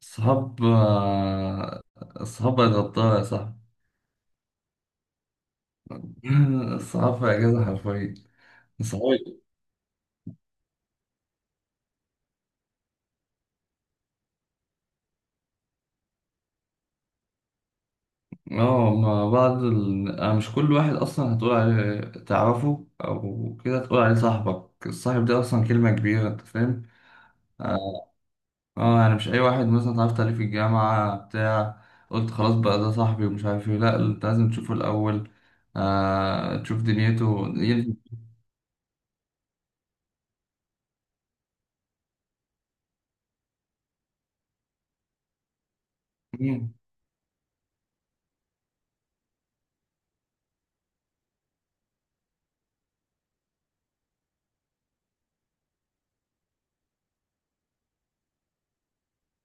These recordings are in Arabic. صحاب آه، صحاب بقت غطاها يا صاحبي. الصحاب في اجازه حرفيا. صحابي. اه، مع بعض أنا مش كل واحد اصلا هتقول عليه تعرفه او كده تقول عليه صاحبك. الصاحب ده اصلا كلمه كبيره، انت فاهم. اه آه، يعني مش اي واحد مثلا اتعرفت عليه في الجامعة بتاع قلت خلاص بقى ده صاحبي ومش عارف ايه. لا، انت لازم تشوفه الاول. آه، تشوف دنيته مم.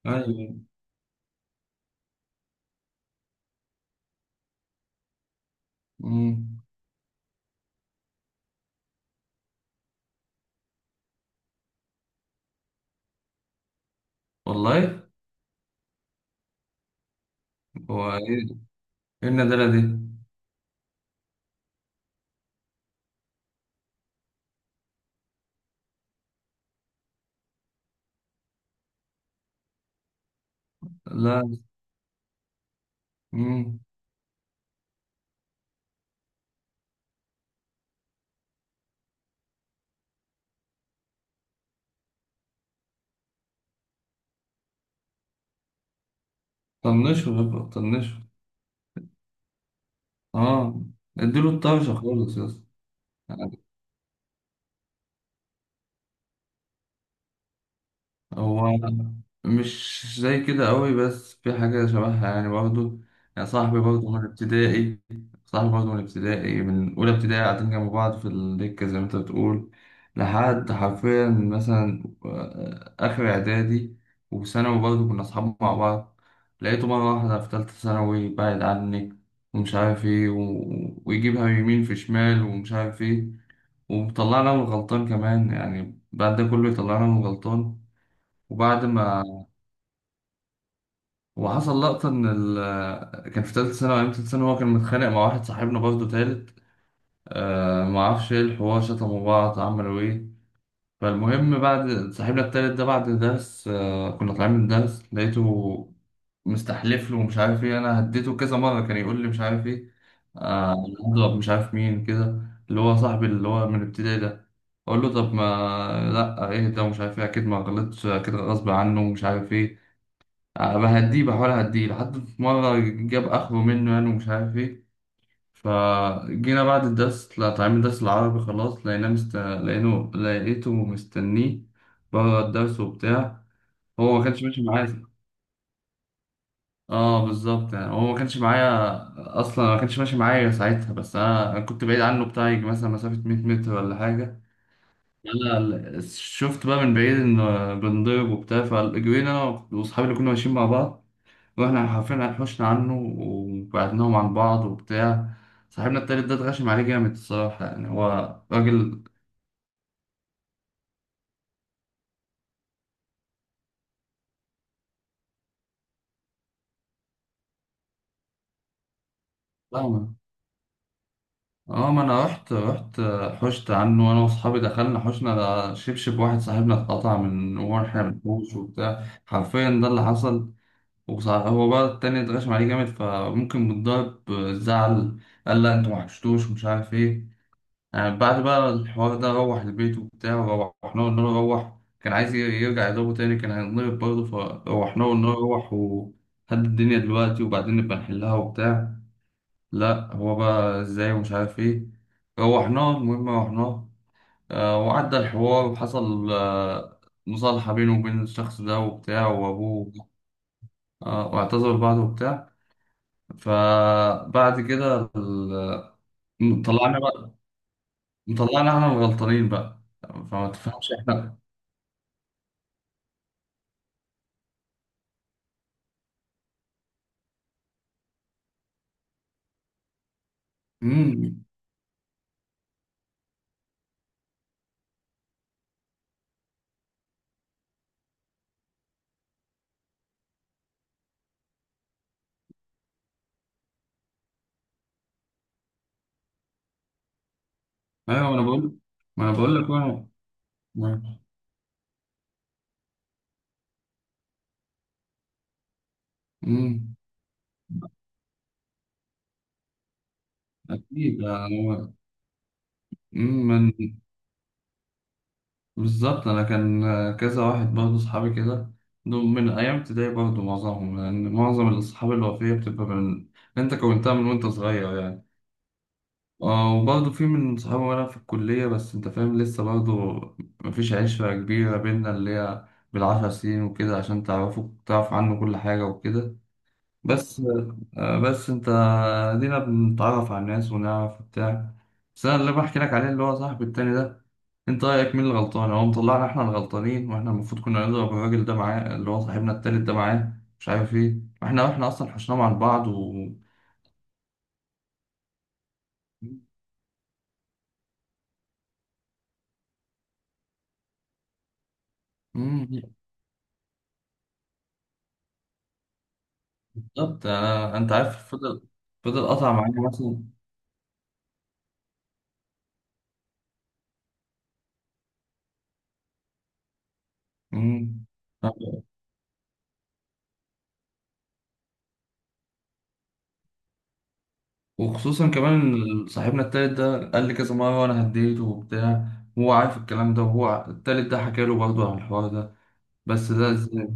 ايوه. مم. والله. هو ايه؟ إيه الندالة دي؟ لا. مم. طنشه يا بابا، طنشه. اه، اديله الطرشه خالص يا اسطى. هو مش زي كده قوي بس في حاجة شبهها يعني برضه. يعني صاحبي برضه من ابتدائي. صاحبي برضه من ابتدائي، من أولى ابتدائي قاعدين جنب بعض في الدكة زي ما أنت بتقول، لحد حرفيا مثلا آه، آخر إعدادي وثانوي برضه كنا أصحاب مع بعض. لقيته مرة واحدة في تالتة ثانوي بعد عني ومش عارف إيه ويجيبها يمين في شمال ومش عارف إيه. وطلعنا من غلطان كمان، يعني بعد ده كله يطلعنا من غلطان. وبعد ما وحصل لقطة إن ال كان في تالتة ثانوي، أيام تالتة ثانوي هو كان متخانق مع واحد صاحبنا برضه تالت. آه، معرفش إيه الحوار، شتموا بعض، عملوا إيه. فالمهم بعد صاحبنا التالت ده، بعد درس آه كنا طالعين من درس لقيته مستحلف له ومش عارف إيه. أنا هديته كذا مرة كان يقول لي مش عارف إيه، آه أنا هضرب مش عارف مين كده، اللي هو صاحبي اللي هو من ابتدائي ده. أقول له طب ما لأ إيه ده ومش عارف إيه، أكيد ما غلطتش، أكيد غصب عنه ومش عارف إيه. آه، بهديه، بحاول اهديه لحد في مرة جاب اخره منه يعني ومش عارف ايه. فجينا بعد الدرس، لا طالعين من الدرس العربي خلاص، لقيناه لقيته مستنيه بره الدرس وبتاع. هو ما كانش ماشي معايا. اه بالظبط، يعني هو ما كانش معايا اصلا، ما كانش ماشي معايا ساعتها. بس أنا كنت بعيد عنه بتاع، يجي مثلا مسافة 100 متر ولا حاجة. انا شفت بقى من بعيد انه بنضرب وبتاع، فجرينا انا واصحابي اللي كنا ماشيين مع بعض. واحنا حرفيا هنحوشنا عنه وبعدناهم عن بعض وبتاع. صاحبنا التالت ده اتغشم عليه جامد الصراحة، يعني هو راجل. فاهمة. اه، ما انا رحت حشت عنه انا واصحابي، دخلنا حشنا، ده شبشب واحد صاحبنا اتقطع من واحنا بنحوش وبتاع، حرفيا ده اللي حصل. هو بقى التاني اتغشم عليه جامد فممكن بالضرب زعل، قال لا انتوا ما حشتوش مش عارف ايه. آه، بعد بقى الحوار ده روح البيت وبتاع، روحنا قلنا له روح، كان عايز يرجع يضربه تاني، كان هينضرب برضه. فروحنا قلنا له روح وهد الدنيا دلوقتي، وبعدين نبقى نحلها وبتاع. لا هو بقى ازاي ومش عارف ايه، روحناه المهم روحناه. آه، وعدى الحوار وحصل آه، مصالحة بينه وبين الشخص ده وبتاع وأبوه. آه، واعتذروا لبعض وبتاع. فبعد كده طلعنا بقى طلعنا احنا الغلطانين بقى، فما تفهمش. امم. ايوه، ما انا بقول، ما انا بقول لك بقى ما- امم. اكيد، يعني امم من- بالظبط، انا كان كذا واحد برضه اصحابي كده، دول من ايام ابتدائي برضه معظمهم، لان معظم الاصحاب الوفيه بتبقى من انت كونتها من وانت صغير يعني. اه، وبرضه في من صحابي وانا في الكليه بس انت فاهم لسه برضه، مفيش عشره كبيره بينا، اللي هي بالعشر سنين وكده عشان تعرفوا تعرف عنه كل حاجه وكده. بس آه، بس انت دينا بنتعرف على الناس ونعرف بتاع. بس انا اللي بحكي لك عليه اللي هو صاحبي التاني ده، انت رايك مين اللي غلطان؟ هو مطلعنا احنا الغلطانين واحنا المفروض كنا نضرب الراجل ده معاه، اللي هو صاحبنا التالت ده معاه، مش عارف ايه. واحنا اصلا حشناهم عن بعض و... مم. بالظبط، انا انت عارف فضل، فضل قطع معايا مثلا. مم. وخصوصا كمان إن صاحبنا التالت ده قال لي كذا مرة وأنا هديته وبتاع، وهو عارف الكلام ده، التالت ده حكى له برضه عن الحوار ده، بس ده ازاي.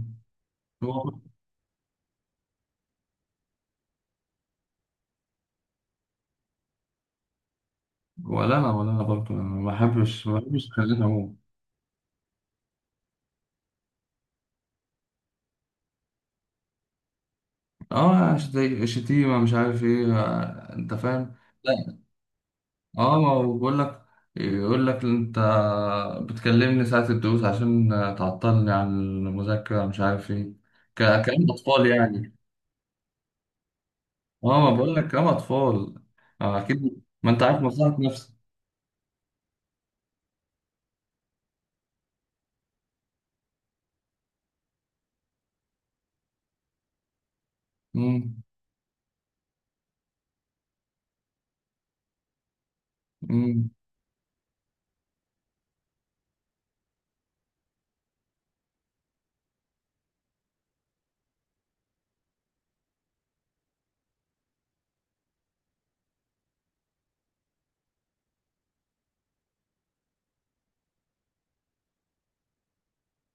هو- ولا أنا برضه، أنا ما بحبش خلينا أقوم. اه زي شتيمة مش عارف ايه آه، انت فاهم. لا. اه، ما هو بقول لك، يقول لك انت بتكلمني ساعة الدروس عشان تعطلني عن المذاكرة مش عارف ايه. كلام أطفال يعني. اه، ما بقول لك هم اطفال. آه، اكيد، ما انت عارف مصلحة نفسك. امم. امم.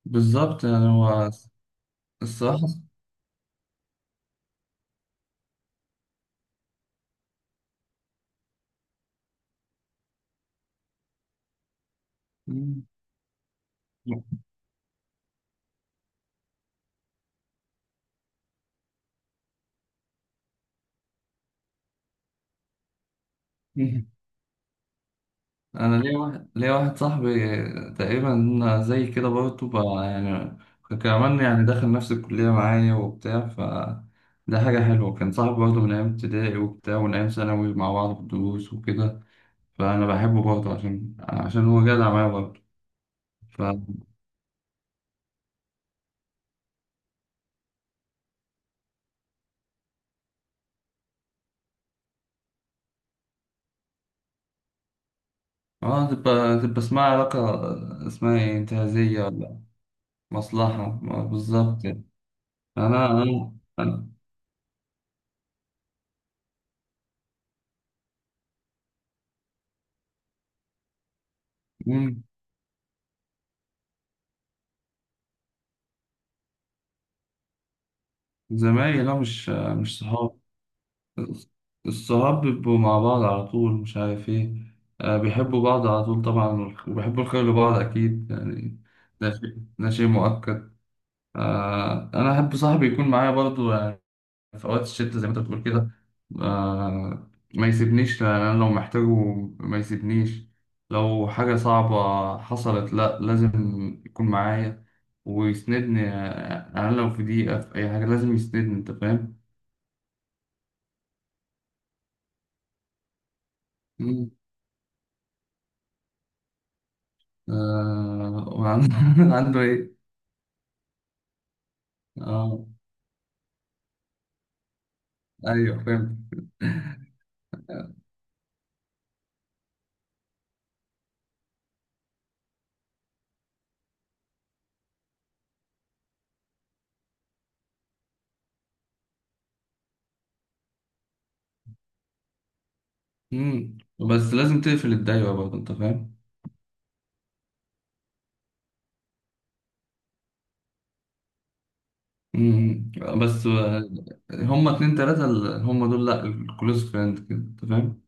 بالظبط يعني هو الصراحة. مم. مم. انا ليا واحد صاحبي، تقريبا زي كده برضه بقى يعني، كمان يعني دخل نفس الكلية معايا وبتاع ف ده حاجة حلوة. كان صاحبي برضه من أيام ابتدائي وبتاع، ومن أيام ثانوي مع بعض في الدروس وكده، فأنا بحبه برضه عشان هو جدع معايا برضه. اه، تبقى اسمها علاقة، اسمها ايه، انتهازية ولا مصلحة، ما بالظبط يعني. أنا. مم. زمايلي، لا مش صحاب. الصحاب بيبقوا مع بعض على طول، مش عارف ايه. آه، بيحبوا بعض على طول طبعا، وبيحبوا الخير لبعض أكيد يعني. ده شيء مؤكد. آه، أنا أحب صاحبي يكون معايا برضو في اوقات الشتا، زي ما انت بتقول كده. آه، ما يسيبنيش، لأن انا لو محتاجه ما يسيبنيش، لو حاجة صعبة حصلت لا لازم يكون معايا ويسندني. آه، انا لو في دقيقة في اي حاجة لازم يسندني، انت فاهم. مم. آه، وعنده عنده ايه. اه ايوه، فاهم. مم. بس لازم تقفل الدايرة برضه، انت فاهم. مم. بس آه، هما اتنين تلاتة هما دول، لا، الكلوز فريند كده، انت فاهم.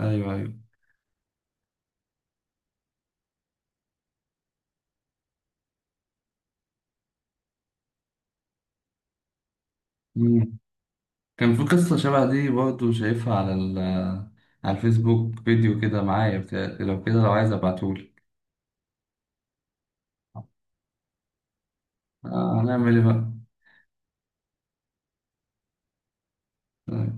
ايوه ايوه. مم. كان في قصة شبه دي برضه، شايفها على ال على الفيسبوك فيديو كده معايا بتاع، لو كده لو عايز ابعتهولك. آه، هنعمل ايه بقى.